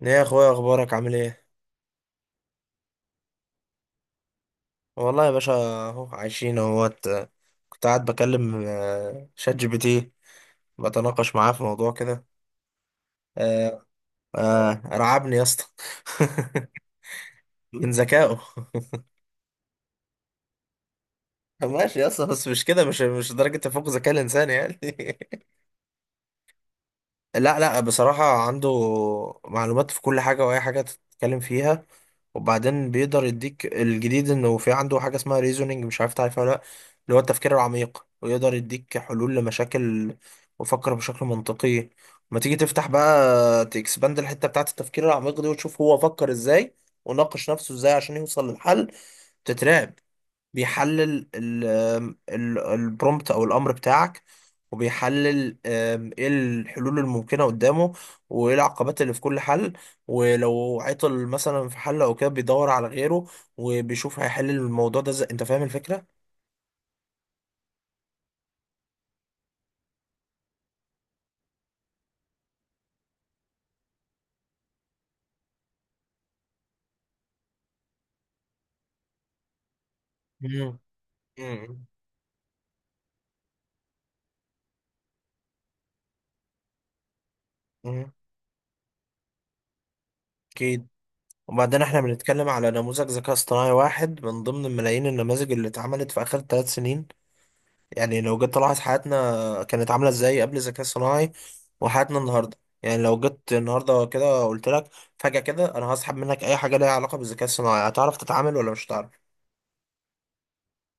ليه يا اخويا، اخبارك عامل ايه؟ والله يا باشا، اهو عايشين اهوت. كنت قاعد بكلم شات جي بي تي، بتناقش معاه في موضوع كده آه، رعبني يا اسطى. من ذكائه. ماشي يا اسطى، بس مش كده، مش درجة تفوق ذكاء الانسان يعني. لا، لا، بصراحة عنده معلومات في كل حاجة، وأي حاجة تتكلم فيها. وبعدين بيقدر يديك الجديد، إنه في عنده حاجة اسمها ريزونينج، مش عارف تعرفها ولا لأ، اللي هو التفكير العميق، ويقدر يديك حلول لمشاكل، وفكر بشكل منطقي. ما تيجي تفتح بقى، تكسباند الحتة بتاعة التفكير العميق دي، وتشوف هو فكر إزاي وناقش نفسه إزاي عشان يوصل للحل، تترعب. بيحلل البرومبت او الامر بتاعك، وبيحلل ايه الحلول الممكنه قدامه، وايه العقبات اللي في كل حل. ولو عطل مثلا في حل او كده، بيدور على غيره، وبيشوف هيحل الموضوع ده ازاي. انت فاهم الفكره؟ مم. مم. مم. اكيد. وبعدين احنا بنتكلم على نموذج ذكاء اصطناعي واحد من ضمن ملايين النماذج اللي اتعملت في اخر 3 سنين. يعني لو جيت تلاحظ حياتنا كانت عاملة ازاي قبل الذكاء الصناعي، وحياتنا النهاردة. يعني لو جيت النهاردة كده قلت لك فجأة كده، انا هسحب منك اي حاجة ليها علاقة بالذكاء الصناعي، هتعرف تتعامل ولا مش هتعرف؟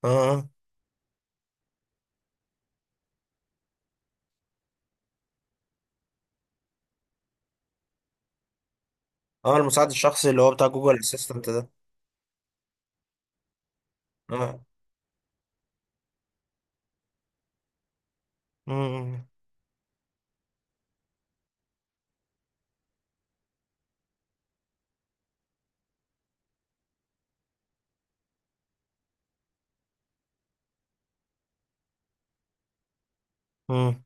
اه، اه. المساعد الشخصي اللي هو بتاع جوجل اسيستنت ده. اه. مم. مم.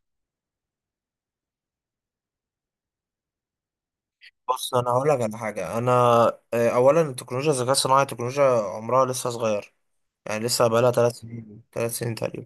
بص، انا هقول لك على حاجة. انا اولا، التكنولوجيا الذكاء الصناعي تكنولوجيا عمرها لسه صغير. يعني لسه بقالها 3 سنين، 3 سنين تقريبا،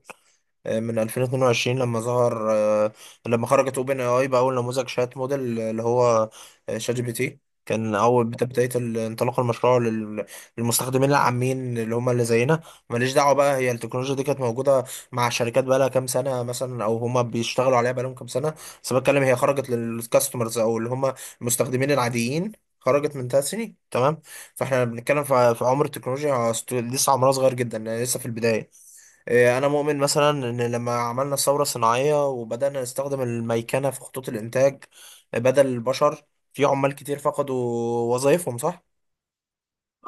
من 2022، لما ظهر، لما خرجت اوبن اي اي باول نموذج شات موديل، اللي هو شات جي بي تي. كان اول بدايه انطلاق المشروع للمستخدمين العامين، اللي هم اللي زينا. ماليش دعوه بقى، هي التكنولوجيا دي كانت موجوده مع الشركات بقى لها كام سنه مثلا، او هم بيشتغلوا عليها بقى لهم كام سنه. بس بتكلم هي خرجت للكاستمرز، او اللي هم المستخدمين العاديين. خرجت من 3 سنين، تمام. فاحنا بنتكلم في عمر التكنولوجيا، لسه عمرها صغير جدا، يعني لسه في البدايه. إيه، انا مؤمن مثلا ان لما عملنا الثوره الصناعيه، وبدانا نستخدم الميكنه في خطوط الانتاج بدل البشر، في عمال كتير فقدوا وظائفهم، صح.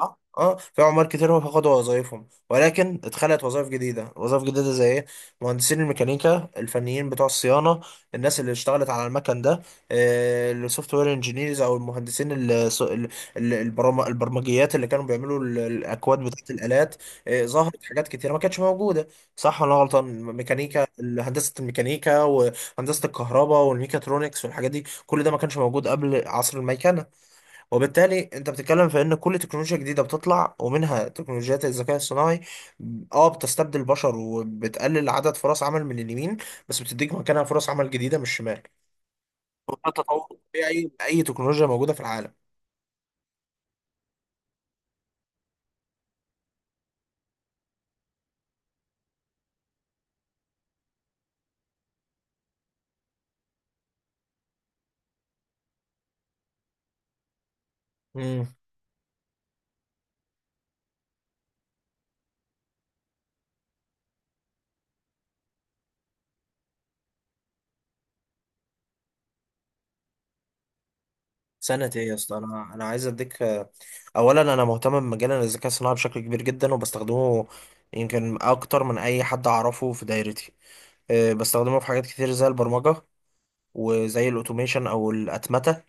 اه، اه، في عمال كتير هو فقدوا وظائفهم، ولكن اتخلقت وظائف جديده. وظائف جديده زي ايه؟ مهندسين الميكانيكا، الفنيين بتوع الصيانه، الناس اللي اشتغلت على المكن ده، السوفت وير انجينيرز او المهندسين البرمجيات اللي كانوا بيعملوا الاكواد بتاعه الالات. ظهرت حاجات كتيره ما كانتش موجوده، صح ولا أنا غلطان؟ ميكانيكا، هندسه الميكانيكا، وهندسه الكهرباء، والميكاترونكس، والحاجات دي، كل ده ما كانش موجود قبل عصر الميكنه. وبالتالي انت بتتكلم في ان كل تكنولوجيا جديده بتطلع، ومنها تكنولوجيات الذكاء الصناعي، اه بتستبدل البشر، وبتقلل عدد فرص عمل من اليمين، بس بتديك مكانها فرص عمل جديده من الشمال. وده التطور الطبيعي لاي تكنولوجيا موجوده في العالم. امم. سنة ايه يا اسطى؟ انا عايز اديك. اولا، انا مهتم بمجال الذكاء الصناعي بشكل كبير جدا، وبستخدمه يمكن اكتر من اي حد اعرفه في دايرتي. اه، بستخدمه في حاجات كتير زي البرمجة، وزي الاوتوميشن او الاتمتة،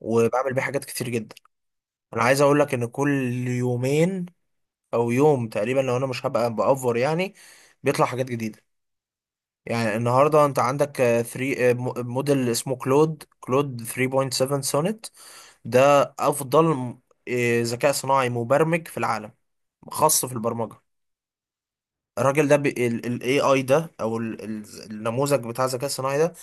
وبعمل بيه حاجات كتير جدا. انا عايز اقول لك ان كل يومين او يوم تقريبا، لو انا مش هبقى بأفور يعني، بيطلع حاجات جديدة. يعني النهارده انت عندك 3، موديل اسمه كلود، كلود 3.7 سونيت. ده افضل ذكاء صناعي مبرمج في العالم، خاص في البرمجة. الراجل ده، بي ال AI ده، او ال النموذج بتاع الذكاء الصناعي ده،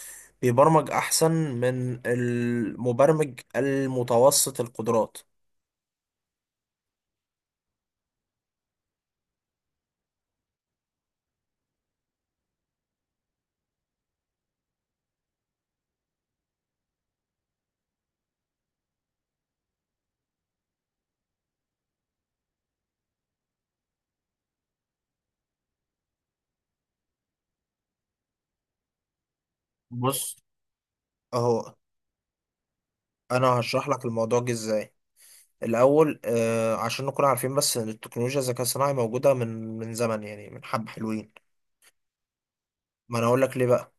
بيبرمج احسن من المبرمج المتوسط القدرات. بص اهو، انا هشرح لك الموضوع جه ازاي. الاول، عشان نكون عارفين بس ان التكنولوجيا الذكاء الصناعي موجوده من زمن، يعني من حبه حلوين. ما انا اقول لك ليه بقى.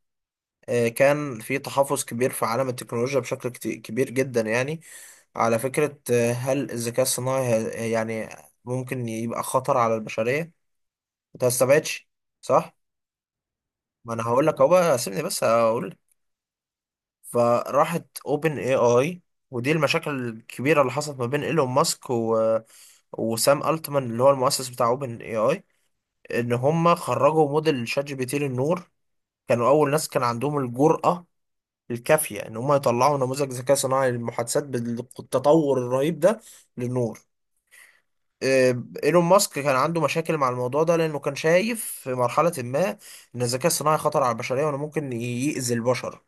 كان في تحفظ كبير في عالم التكنولوجيا بشكل كبير جدا يعني، على فكره، هل الذكاء الصناعي يعني ممكن يبقى خطر على البشريه؟ انت ما استبعدش، صح. ما انا هقول لك اهو بقى، سيبني بس اقول. فراحت اوبن اي اي، ودي المشاكل الكبيره اللي حصلت ما بين ايلون ماسك وسام التمان، اللي هو المؤسس بتاع اوبن اي اي، ان هم خرجوا موديل شات جي بي تي للنور. كانوا اول ناس كان عندهم الجرأة الكافية ان هم يطلعوا نموذج ذكاء صناعي للمحادثات بالتطور الرهيب ده للنور. ايلون ماسك كان عنده مشاكل مع الموضوع ده، لانه كان شايف في مرحلة ما ان الذكاء الصناعي خطر على البشرية، وانه ممكن يأذي البشر.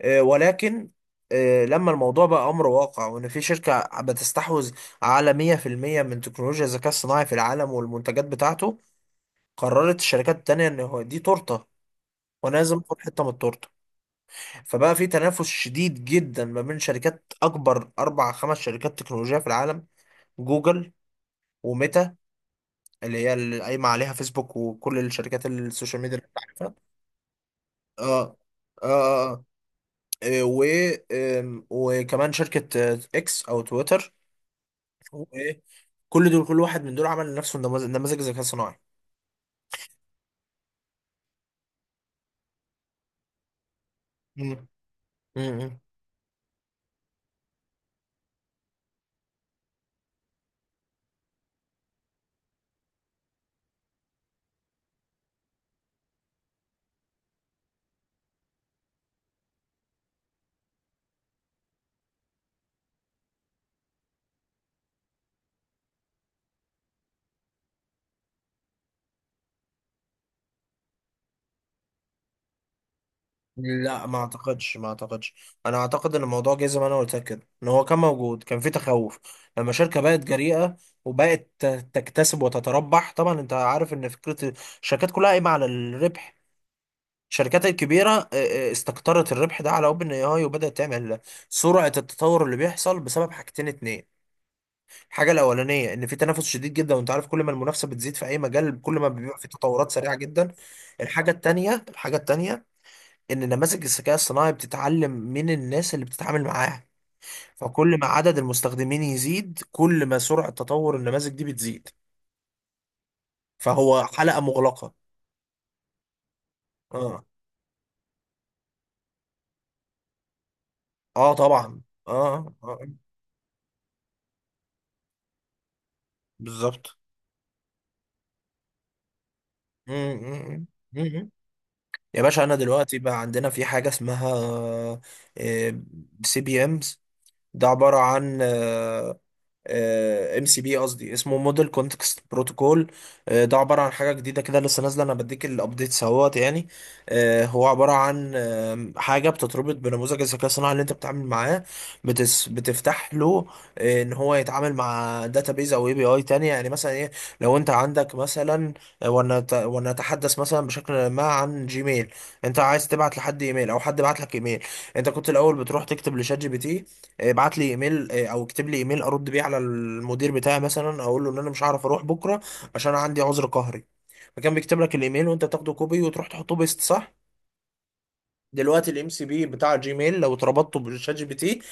ولكن لما الموضوع بقى أمر واقع، وإن في شركة بتستحوذ على 100% من تكنولوجيا الذكاء الصناعي في العالم والمنتجات بتاعته، قررت الشركات التانية إن هو دي تورتة، وأنا لازم آخد حتة من التورتة. فبقى في تنافس شديد جدا ما بين شركات أكبر، أربع خمس شركات تكنولوجية في العالم: جوجل، وميتا اللي هي اللي قايمة عليها فيسبوك وكل الشركات السوشيال ميديا اللي أنت عارفها. آه، آه. آه، آه. آه، و آم، وكمان شركة إكس أو تويتر. هو ايه؟ كل دول، كل واحد من دول عمل لنفسه نماذج، نماذج ذكاء صناعي. مم. مم. لا، ما اعتقدش، ما اعتقدش. انا اعتقد ان الموضوع جه زي ما انا قلت لك كده، ان هو كان موجود، كان في تخوف. لما شركه بقت جريئه، وبقت تكتسب وتتربح، طبعا انت عارف ان فكره الشركات كلها قايمه على الربح. الشركات الكبيره استقطرت الربح ده على اوبن اي اي، وبدات تعمل. سرعه التطور اللي بيحصل بسبب حاجتين اتنين: الحاجه الاولانيه، ان في تنافس شديد جدا، وانت عارف كل ما المنافسه بتزيد في اي مجال كل ما بيبقى في تطورات سريعه جدا. الحاجه التانيه، ان نماذج الذكاء الصناعي بتتعلم من الناس اللي بتتعامل معاها، فكل ما عدد المستخدمين يزيد، كل ما سرعه تطور النماذج دي بتزيد، فهو حلقه مغلقه. اه، اه طبعا. اه، اه بالظبط. مم، مم، مم، مم. يا باشا، انا دلوقتي بقى عندنا في حاجه اسمها سي بي امز، ده عباره عن ام سي بي، قصدي اسمه موديل كونتكست بروتوكول. ده عباره عن حاجه جديده كده لسه نازله، انا بديك الابديتس اهوت يعني. هو عباره عن حاجه بتتربط بنموذج الذكاء الصناعي اللي انت بتتعامل معاه، بتفتح له ان هو يتعامل مع داتابيز او اي بي اي تانية. يعني مثلا ايه، لو انت عندك مثلا ونتحدث مثلا بشكل ما عن جيميل، انت عايز تبعت لحد ايميل او حد بعت لك ايميل. انت كنت الاول بتروح تكتب لشات جي بي تي: ابعت لي ايميل، او اكتب لي ايميل ارد بيه على المدير بتاعي، مثلا اقول له ان انا مش هعرف اروح بكره عشان أنا عندي عذر قهري. فكان بيكتب لك الايميل، وانت تاخده كوبي وتروح تحطه بيست، صح. دلوقتي الام سي بي بتاع جيميل لو اتربطته بالشات جي بي تي،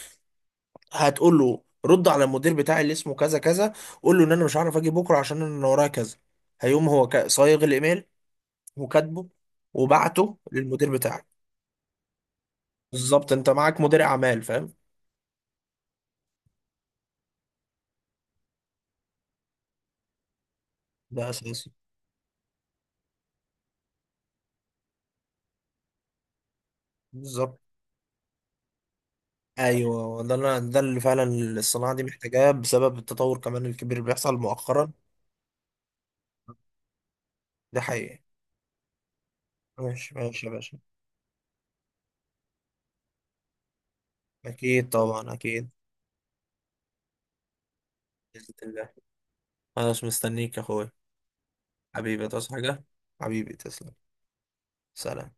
هتقول له: رد على المدير بتاعي اللي اسمه كذا كذا، قول له ان انا مش هعرف اجي بكره عشان انا ورايا كذا. هيقوم هو صايغ الايميل، وكاتبه، وبعته للمدير بتاعك. بالظبط، انت معاك مدير اعمال، فاهم. ده اساسي. بالظبط، ايوه، ده اللي فعلا الصناعه دي محتاجاه، بسبب التطور كمان الكبير اللي بيحصل مؤخرا. ده حقيقي. ماشي، ماشي يا باشا. اكيد طبعا، اكيد. باذن الله. انا مش مستنيك يا اخويا. حبيبي، تصحى حاجه. حبيبي تسلم. سلام.